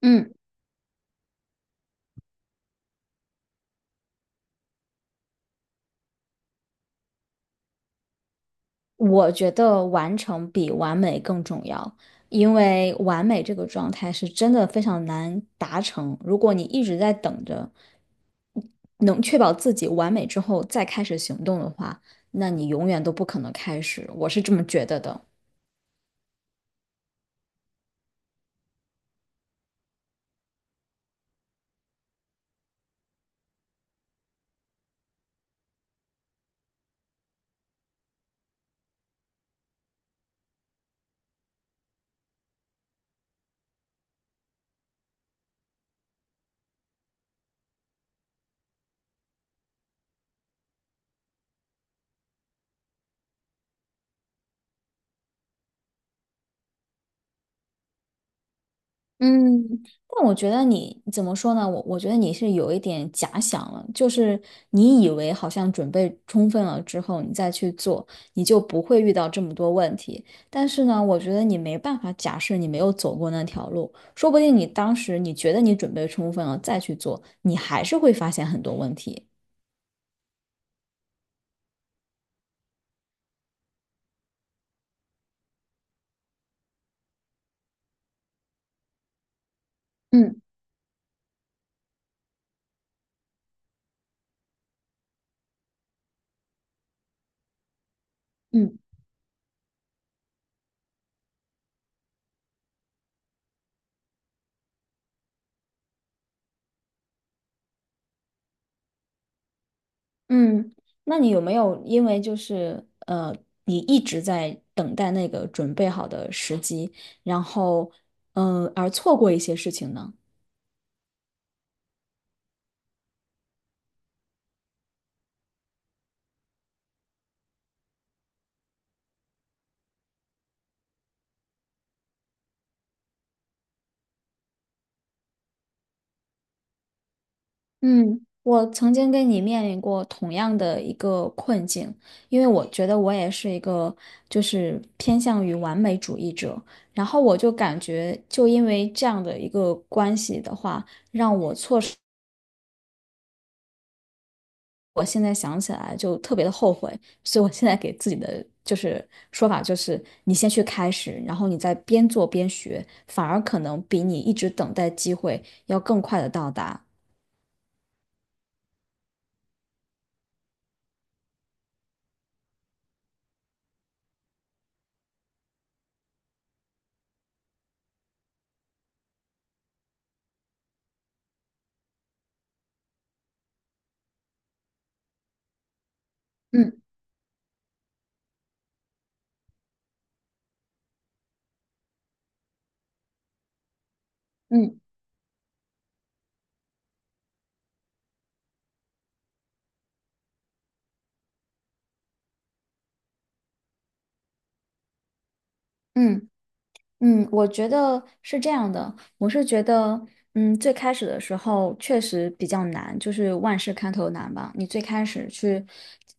嗯，我觉得完成比完美更重要，因为完美这个状态是真的非常难达成。如果你一直在等着能确保自己完美之后再开始行动的话，那你永远都不可能开始。我是这么觉得的。嗯，但我觉得你怎么说呢？我觉得你是有一点假想了，就是你以为好像准备充分了之后，你再去做，你就不会遇到这么多问题。但是呢，我觉得你没办法假设你没有走过那条路，说不定你当时你觉得你准备充分了再去做，你还是会发现很多问题。嗯嗯。嗯，那你有没有因为你一直在等待那个准备好的时机，然后而错过一些事情呢？嗯，我曾经跟你面临过同样的一个困境，因为我觉得我也是一个就是偏向于完美主义者，然后我就感觉就因为这样的一个关系的话。我现在想起来就特别的后悔，所以我现在给自己的就是说法就是，你先去开始，然后你再边做边学，反而可能比你一直等待机会要更快的到达。嗯嗯嗯。嗯，我觉得是这样的，我是觉得，嗯，最开始的时候确实比较难，就是万事开头难吧。你最开始去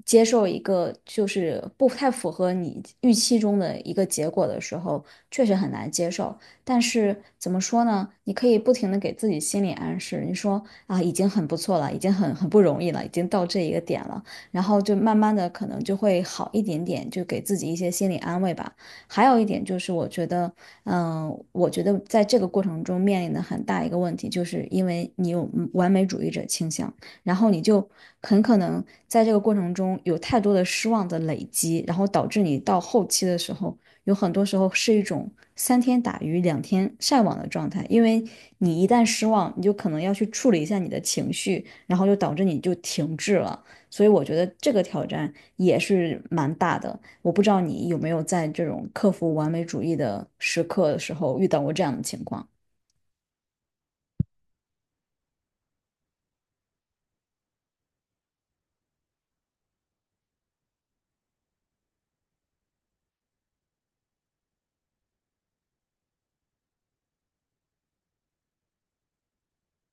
接受一个就是不太符合你预期中的一个结果的时候，确实很难接受。但是怎么说呢？你可以不停的给自己心理暗示，你说啊，已经很不错了，已经很不容易了，已经到这一个点了，然后就慢慢的可能就会好一点点，就给自己一些心理安慰吧。还有一点就是，我觉得。嗯，我觉得在这个过程中面临的很大一个问题，就是因为你有完美主义者倾向，然后你就很可能在这个过程中有太多的失望的累积，然后导致你到后期的时候，有很多时候是一种三天打鱼两天晒网的状态，因为你一旦失望，你就可能要去处理一下你的情绪，然后就导致你就停滞了。所以我觉得这个挑战也是蛮大的。我不知道你有没有在这种克服完美主义的时刻的时候遇到过这样的情况。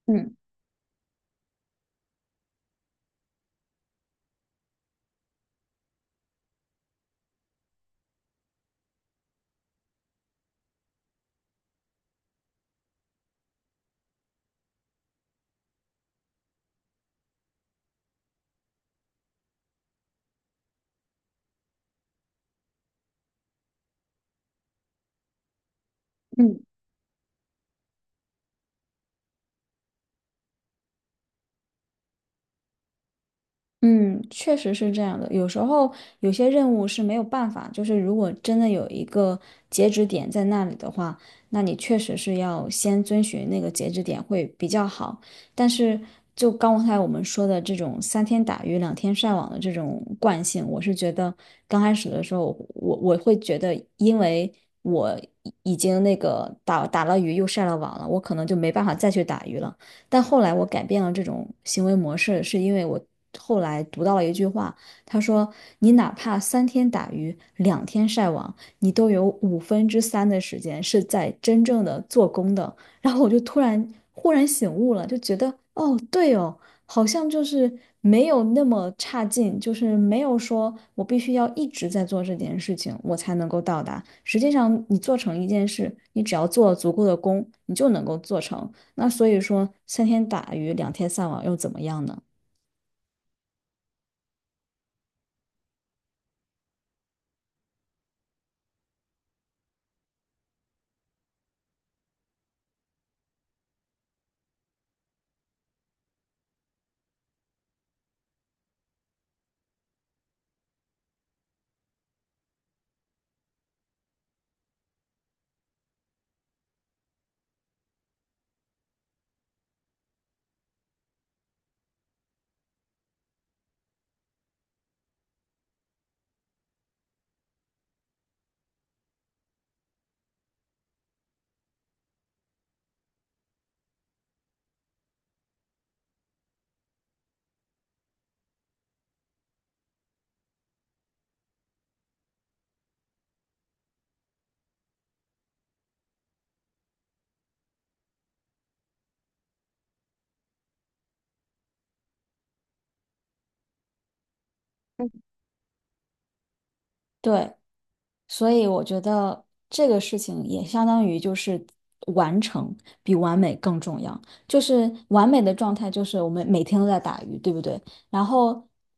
嗯嗯。嗯，确实是这样的。有时候有些任务是没有办法，就是如果真的有一个截止点在那里的话，那你确实是要先遵循那个截止点会比较好。但是就刚才我们说的这种三天打鱼两天晒网的这种惯性，我是觉得刚开始的时候，我会觉得，因为我已经那个打了鱼又晒了网了，我可能就没办法再去打鱼了。但后来我改变了这种行为模式，是因为我后来读到了一句话，他说：“你哪怕三天打鱼两天晒网，你都有五分之三的时间是在真正的做工的。”然后我就忽然醒悟了，就觉得哦，对哦，好像就是没有那么差劲，就是没有说我必须要一直在做这件事情，我才能够到达。实际上，你做成一件事，你只要做足够的工，你就能够做成。那所以说，三天打鱼两天晒网又怎么样呢？对，所以我觉得这个事情也相当于就是完成比完美更重要。就是完美的状态，就是我们每天都在打鱼，对不对？然后，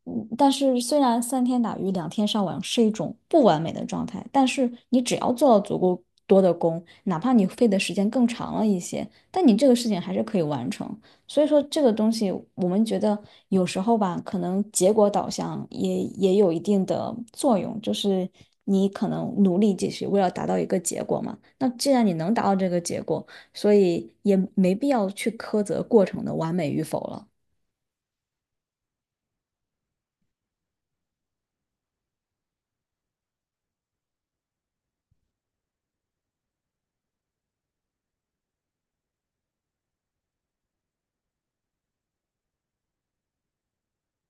嗯，但是虽然三天打鱼两天上网是一种不完美的状态，但是你只要做了足够多的工，哪怕你费的时间更长了一些，但你这个事情还是可以完成。所以说这个东西，我们觉得有时候吧，可能结果导向也有一定的作用，就是你可能努力继续，为了达到一个结果嘛。那既然你能达到这个结果，所以也没必要去苛责过程的完美与否了。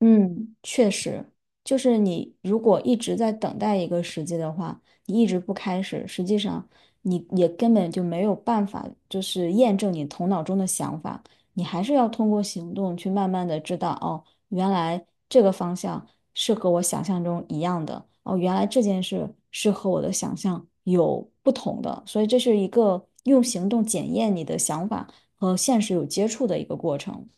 嗯，确实，就是你如果一直在等待一个时机的话，你一直不开始，实际上你也根本就没有办法，就是验证你头脑中的想法，你还是要通过行动去慢慢的知道，哦，原来这个方向是和我想象中一样的，哦，原来这件事是和我的想象有不同的，所以这是一个用行动检验你的想法和现实有接触的一个过程。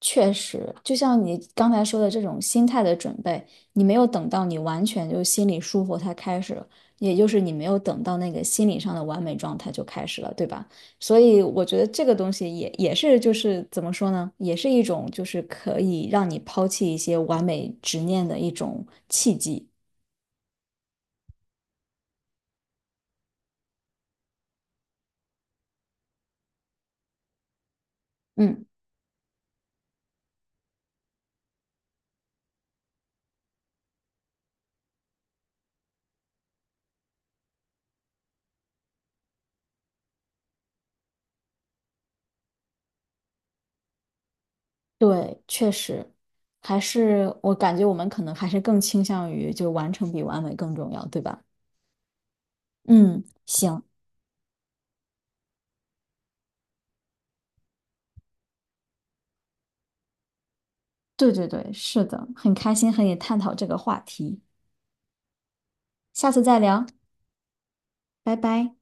确实，就像你刚才说的这种心态的准备，你没有等到你完全就心里舒服才开始，也就是你没有等到那个心理上的完美状态就开始了，对吧？所以我觉得这个东西也是就是怎么说呢，也是一种就是可以让你抛弃一些完美执念的一种契机。嗯，对，确实，还是我感觉我们可能还是更倾向于就完成比完美更重要，对吧？嗯，行。对对对，是的，很开心和你探讨这个话题，下次再聊，拜拜。